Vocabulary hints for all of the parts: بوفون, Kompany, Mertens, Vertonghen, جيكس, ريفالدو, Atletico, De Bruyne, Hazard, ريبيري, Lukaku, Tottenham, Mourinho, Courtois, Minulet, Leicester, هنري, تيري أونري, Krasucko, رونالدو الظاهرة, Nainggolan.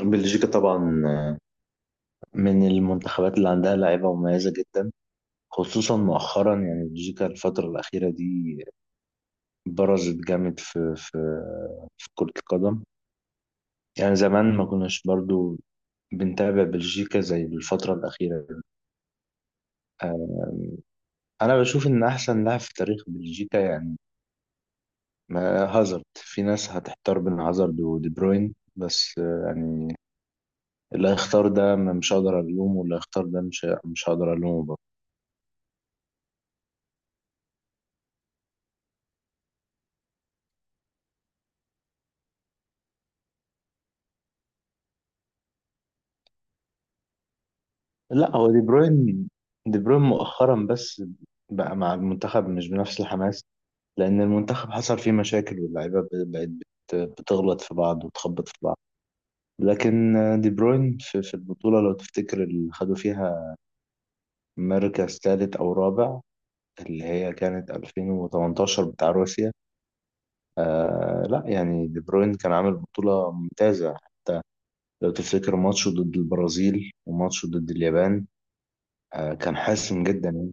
بلجيكا طبعا من المنتخبات اللي عندها لعيبة مميزة جدا، خصوصا مؤخرا يعني بلجيكا الفترة الأخيرة دي برزت جامد في كرة القدم. يعني زمان ما كناش برضو بنتابع بلجيكا زي الفترة الأخيرة دي. آه، أنا بشوف إن أحسن لاعب في تاريخ بلجيكا يعني هازارد، في ناس هتحتار بين هازارد ودي بروين، بس يعني اللي هيختار ده مش هقدر ألومه، واللي هيختار ده مش هقدر ألومه. لا، هو دي بروين، دي بروين مؤخرا بس بقى مع المنتخب مش بنفس الحماس، لأن المنتخب حصل فيه مشاكل واللعيبة بقت بتغلط في بعض وتخبط في بعض. لكن دي بروين في البطولة، لو تفتكر اللي خدوا فيها مركز ثالث أو رابع، اللي هي كانت 2018 بتاع روسيا، لا يعني دي بروين كان عامل بطولة ممتازة، لو تفتكر ماتشه ضد البرازيل وماتشه ضد اليابان، كان حاسم جدا يعني.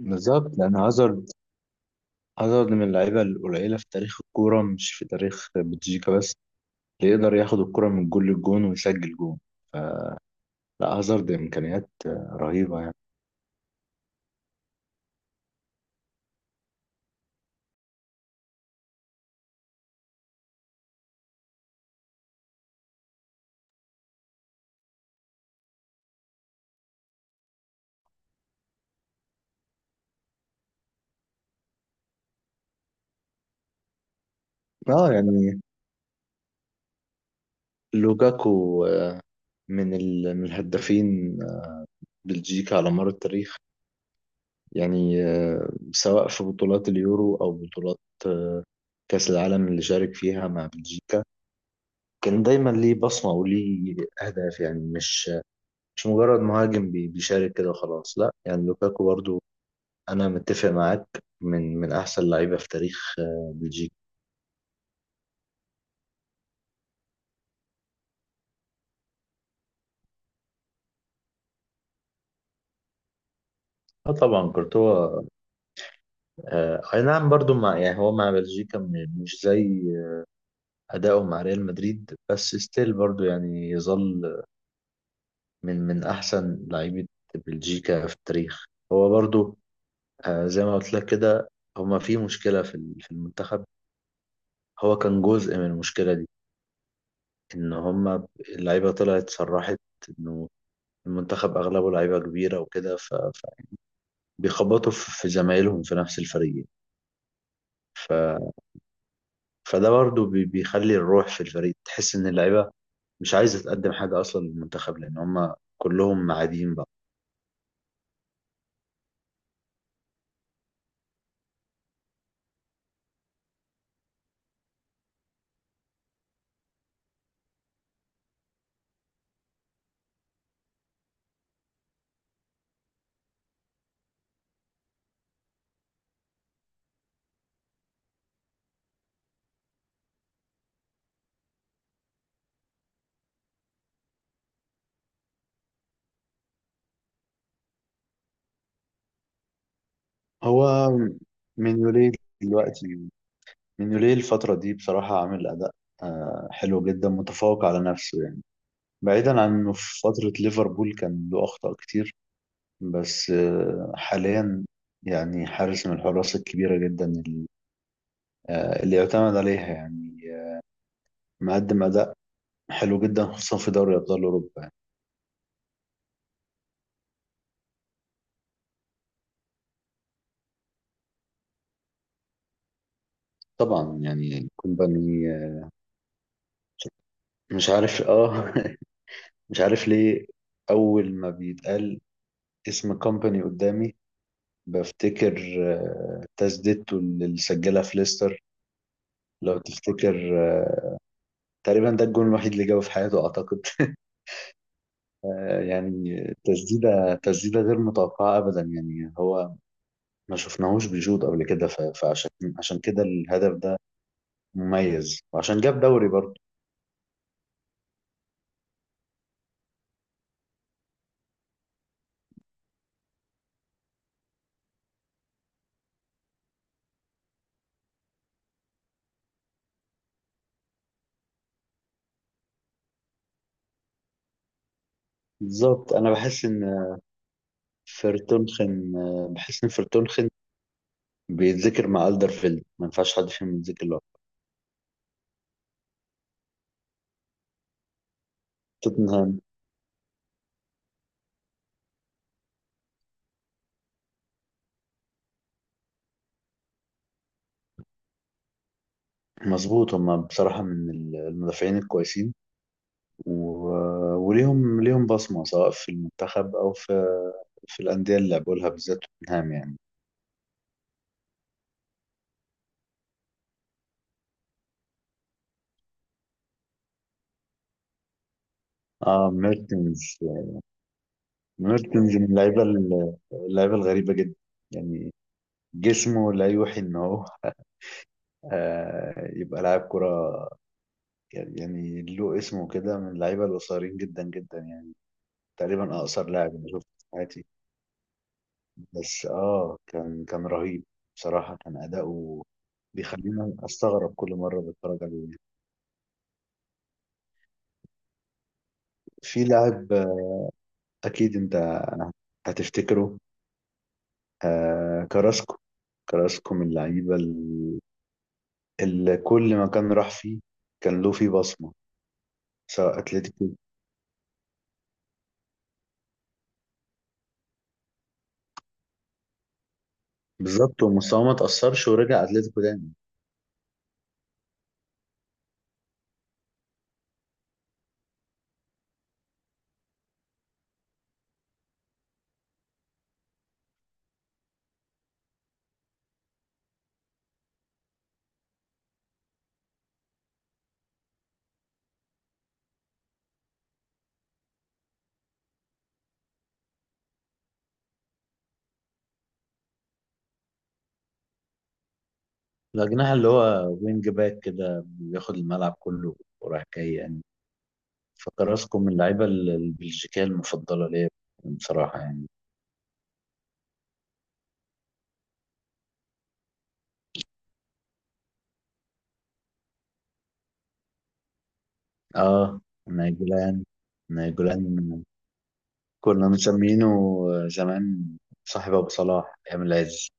بالظبط، لأن هازارد عدد من اللعيبة القليلة في تاريخ الكورة، مش في تاريخ بلجيكا بس، اللي يقدر ياخد الكرة من جول للجون ويسجل جون. لا، هازارد إمكانيات رهيبة يعني. اه يعني لوكاكو من الهدافين بلجيكا على مر التاريخ، يعني سواء في بطولات اليورو أو بطولات آه، كأس العالم اللي شارك فيها مع بلجيكا، كان دايما ليه بصمة وليه أهداف، يعني مش مجرد مهاجم بيشارك كده وخلاص. لا، يعني لوكاكو برضو انا متفق معاك، من احسن لعيبه في تاريخ بلجيكا. اه طبعا كورتوا، اي نعم برضو، مع يعني هو مع بلجيكا مش زي اداؤه مع ريال مدريد، بس ستيل برضو يعني يظل من احسن لعيبه بلجيكا في التاريخ. هو برضو زي ما قلت لك كده، هما في مشكله في المنتخب، هو كان جزء من المشكله دي، ان هما اللعيبه طلعت صرحت انه المنتخب اغلبه لعيبه كبيره وكده، بيخبطوا في زمايلهم في نفس الفريق. ف... فده برضه بيخلي الروح في الفريق تحس ان اللعيبه مش عايزه تقدم حاجه اصلا للمنتخب، لان هم كلهم قاعدين بقى. هو مينيولي دلوقتي، مينيولي الفتره دي بصراحه عامل اداء حلو جدا، متفوق على نفسه يعني. بعيدا عن انه في فتره ليفربول كان له اخطاء كتير، بس حاليا يعني حارس من الحراس الكبيره جدا اللي اللي يعتمد عليها، يعني مقدم اداء حلو جدا، خصوصا في دوري ابطال اوروبا يعني. طبعا يعني كومباني، مش عارف مش عارف ليه اول ما بيتقال اسم كومباني قدامي بفتكر تسديدته اللي سجلها في ليستر. لو تفتكر، آه، تقريبا ده الجون الوحيد اللي جابه في حياته اعتقد. يعني تسديده غير متوقعه ابدا، يعني هو ما شفناهوش بيشوط قبل كده، ف- فعشان عشان كده الهدف ده مميز، وعشان جاب دوري برضه. بالظبط، انا بحس ان فرتونخن بيتذكر مع الدرفيلد، ما ينفعش حد فيهم يتذكر لوحده. توتنهام. مظبوط، هما بصراحة من المدافعين الكويسين، و... وليهم بصمة سواء في المنتخب أو في الأندية اللي لعبوا لها، بالذات توتنهام يعني. اه ميرتنز ميرتنز من اللعيبة اللعيبة الغريبة جدا، يعني جسمه لا يوحي إن هو يبقى لاعب كرة، يعني له اسمه كده، من اللعيبة القصيرين جدا جدا يعني، تقريبا اقصر لاعب انا شفته في حياتي، بس كان رهيب بصراحه، كان اداؤه بيخليني استغرب كل مره بتفرج عليه. في لاعب اكيد انت هتفتكره، آه كراسكو كراسكو من اللعيبه اللي كل ما كان راح فيه كان له فيه بصمه، سواء اتلتيكو، بالظبط ومستواه ما تاثرش ورجع اتلتيكو تاني. الاجنحه اللي هو وينج باك كده بياخد الملعب كله ورايح جاي يعني. فكراسكو من اللعيبة البلجيكية المفضلة ليا بصراحة يعني. اه نايجولان نايجولان كنا مسمينه زمان صاحب أبو صلاح أيام العز.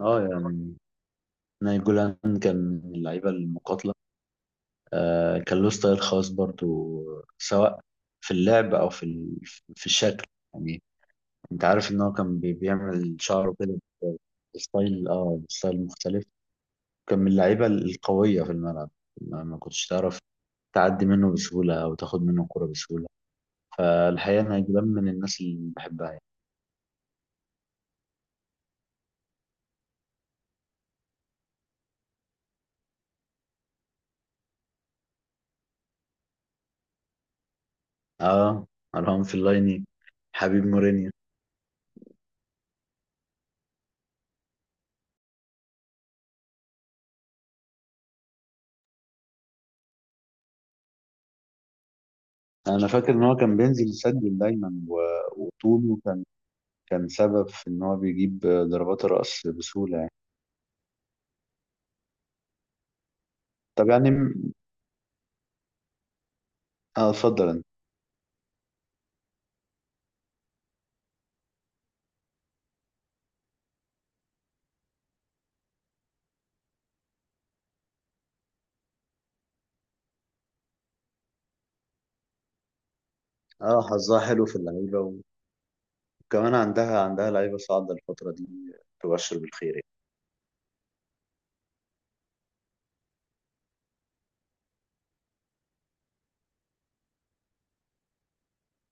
اه يعني نايجولان كان من اللعيبة المقاتلة، كان له ستايل خاص برضو، سواء في اللعب أو في الشكل، يعني أنت عارف إن هو كان بيعمل شعره كده بستايل مختلف. كان من اللعيبة القوية في الملعب، ما كنتش تعرف تعدي منه بسهولة أو تاخد منه الكرة بسهولة. فالحقيقة أنا جبان من الناس اللي بحبها يعني. آه أرقام في اللايني، حبيب مورينيو. أنا فاكر إن هو كان بينزل يسجل دايما، وطوله كان سبب في إن هو بيجيب ضربات الرأس بسهولة يعني. طب يعني اتفضل أنت. حظها حلو في اللعيبة، وكمان عندها لعيبة صاعدة الفترة دي تبشر بالخير يعني.